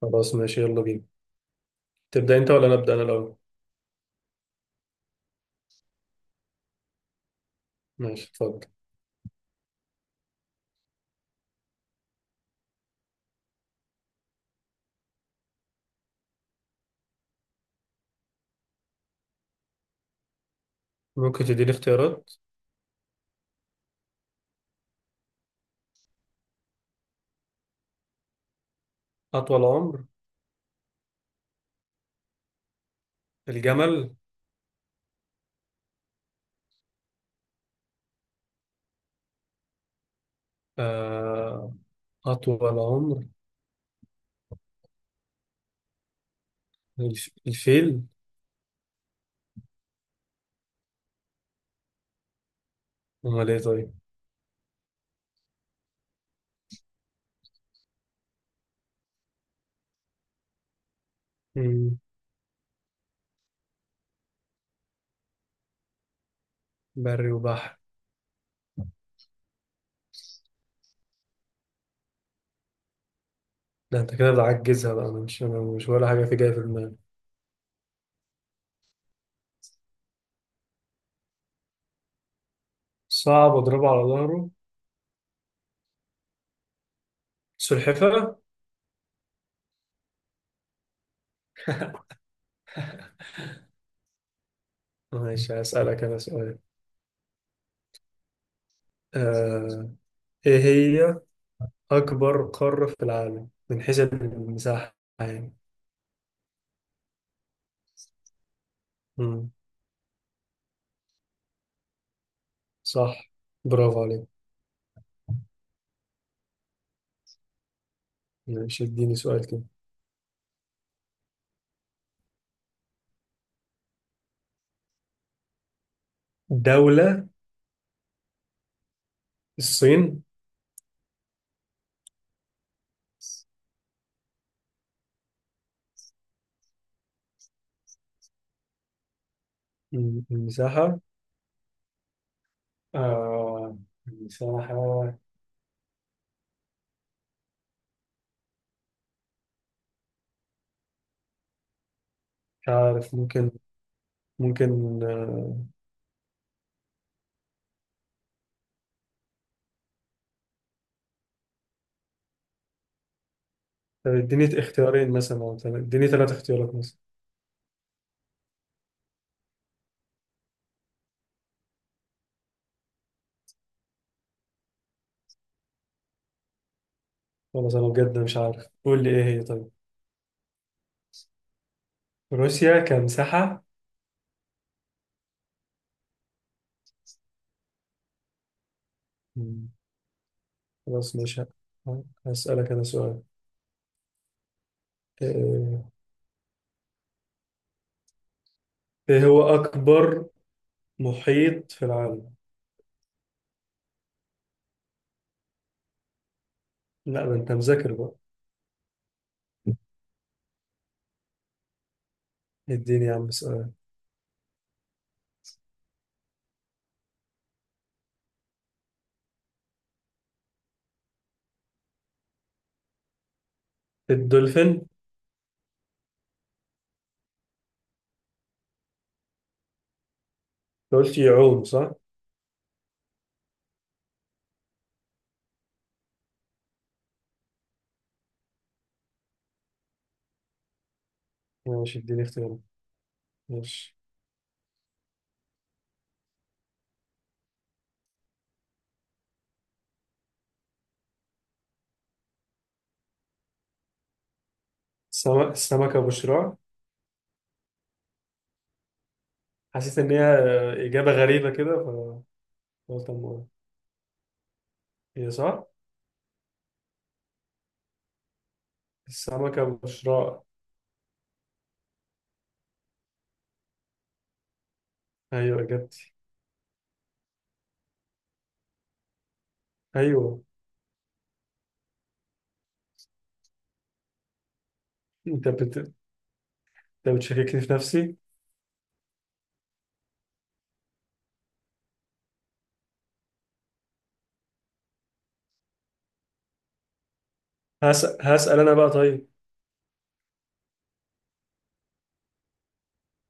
خلاص ماشي، يلا بينا. تبدأ انت ولا نبدأ انا الاول؟ ماشي، اتفضل. ممكن تديني اختيارات. اطول عمر. الجمل. آه، اطول عمر. الفيل. امال ايه طيب؟ مم، بري وبحر. ده انت كده بتعجزها بقى، أنا مش ولا حاجة في جاية في دماغي. صعب اضربه على ظهره. سلحفاة. ماشي، هسألك انا سؤال. آه، ايه هي اكبر قارة في العالم من حيث المساحة يعني. مم، صح، برافو عليك. ماشي، اديني سؤال كده. دولة. الصين. المساحة. آه المساحة. مش عارف، ممكن. طب اديني اختيارين مثلا، أو اديني ثلاث اختيارات مثلا. خلاص، أنا بجد مش عارف، قول لي إيه هي طيب. روسيا كمساحة. م، خلاص ماشي. هسألك أنا سؤال. آه، إيه هو أكبر محيط في العالم؟ لا، ده أنت مذاكر بقى. اديني يا عم سؤال. الدولفين أنت. قلت يعوم صح؟ ماشي، اديني اختيارات. ماشي. السمكة بشراع. حسيت إن هي إجابة غريبة كده، فقلت أما أقول. هي صح؟ السمكة بشراع. أيوه، إجابتي. أيوه. أنت بت... أنت بتشككني في نفسي. هسأل أنا بقى طيب.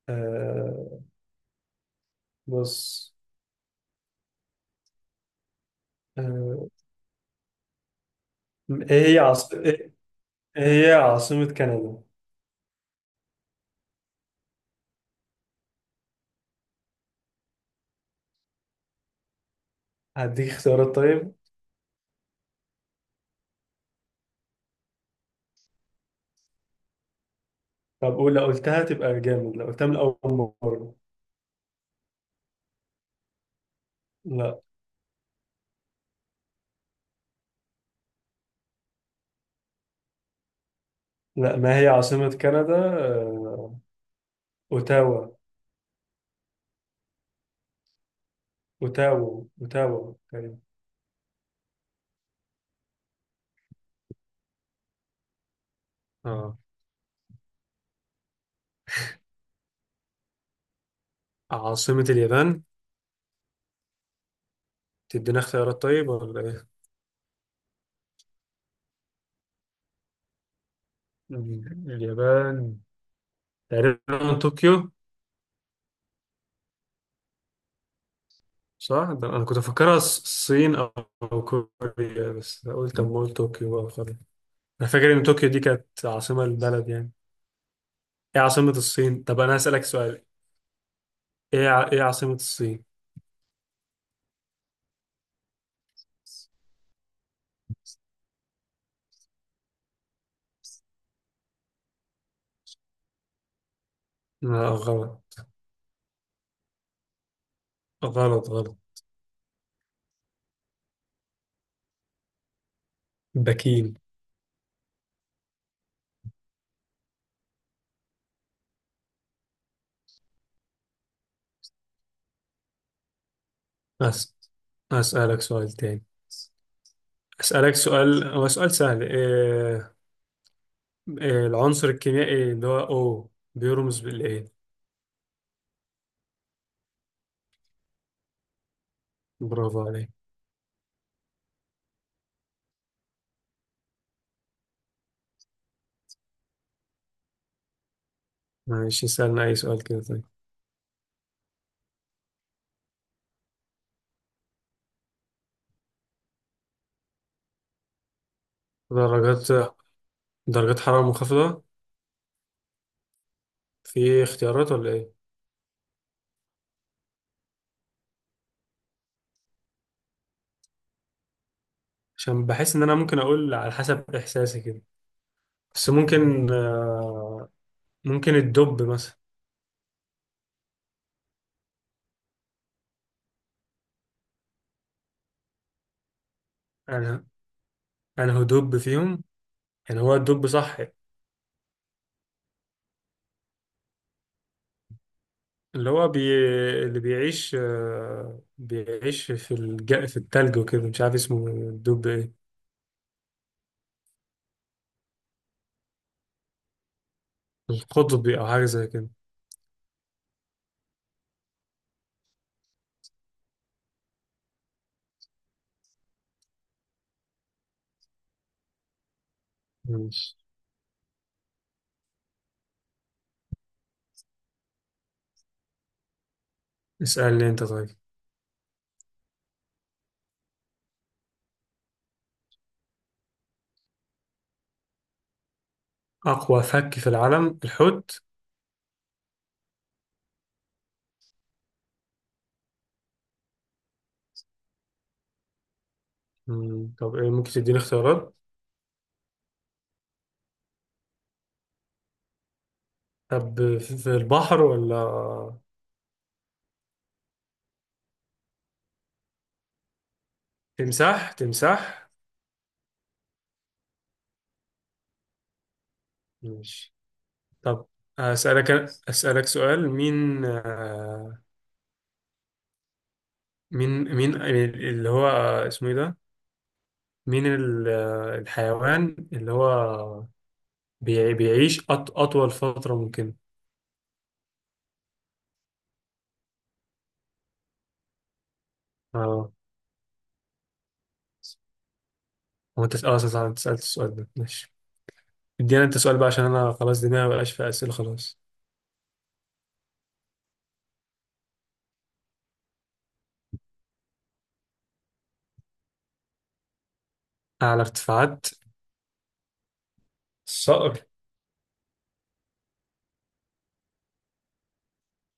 آه... بص. آه... إيه هي عاص... إيه إيه هي عاصمة كندا؟ هديك اختيارات طيب. طب قول، لو قلتها تبقى جامد لو قلتها من أول مرة. لا. لا، ما هي عاصمة كندا؟ آه... أوتاوا. اوتاوا اوتاوا تقريبا. اه. عاصمة اليابان. تدينا اختيارات طيب ولا ايه؟ مم. اليابان. تقريبا طوكيو. صح، ده انا كنت افكرها الصين أو كوريا، بس قلت اما اقول طوكيو بقى خلاص. انا فاكر ان طوكيو دي كانت عاصمة البلد يعني. ايه عاصمة الصين؟ طب انا هسألك سؤال. ايه عاصمة الصين؟ لا، غلط. غلط غلط. بكين. أس... اسألك سؤال تاني. اسألك سؤال، هو سؤال سهل. إيه، العنصر الكيميائي اللي هو O بيرمز بالإيه؟ برافو عليك. ماشي، سألنا أي سؤال كده طيب. درجات درجات حرارة منخفضة. في اختيارات ولا إيه؟ عشان بحس إن أنا ممكن أقول على حسب إحساسي كده. بس ممكن الدب مثلا. أنا أنا هو دب فيهم. يعني هو الدب صح. اللي هو بي... اللي بيعيش في التلج وكده، مش عارف اسمه الدب إيه. القطبي أو حاجة زي كده. ماشي، اسألني أنت طيب. أقوى فك في العالم، الحوت. مم، طب إيه، ممكن تديني اختيارات. طب في البحر ولا. تمساح تمساح. ماشي. طب أسألك أسألك سؤال. مين اللي هو اسمه إيه ده. مين ال- آه، الحيوان اللي هو بيعيش أطول فترة ممكن. اه. هو انت اه صح، انت سألت السؤال ده ماشي. ادينا انت سؤال بقى، عشان انا خلاص دماغي مبقاش في اسئله خلاص. اعلى ارتفاعات. الصقر.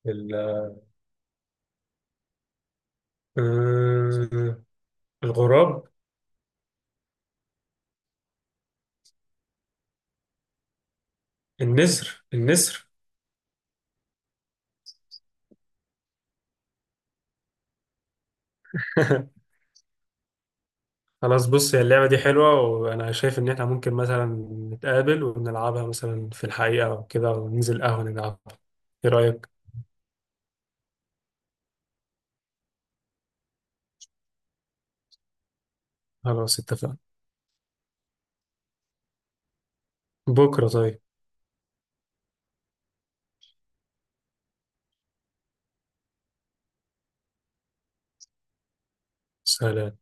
ال- آه، الغراب. النسر النسر. خلاص، بص، هي اللعبة دي حلوة، وأنا شايف إن إحنا ممكن مثلا نتقابل ونلعبها مثلا في الحقيقة أو كده وننزل قهوة نلعبها. إيه رأيك؟ خلاص، اتفقنا. بكرة طيب. سلام.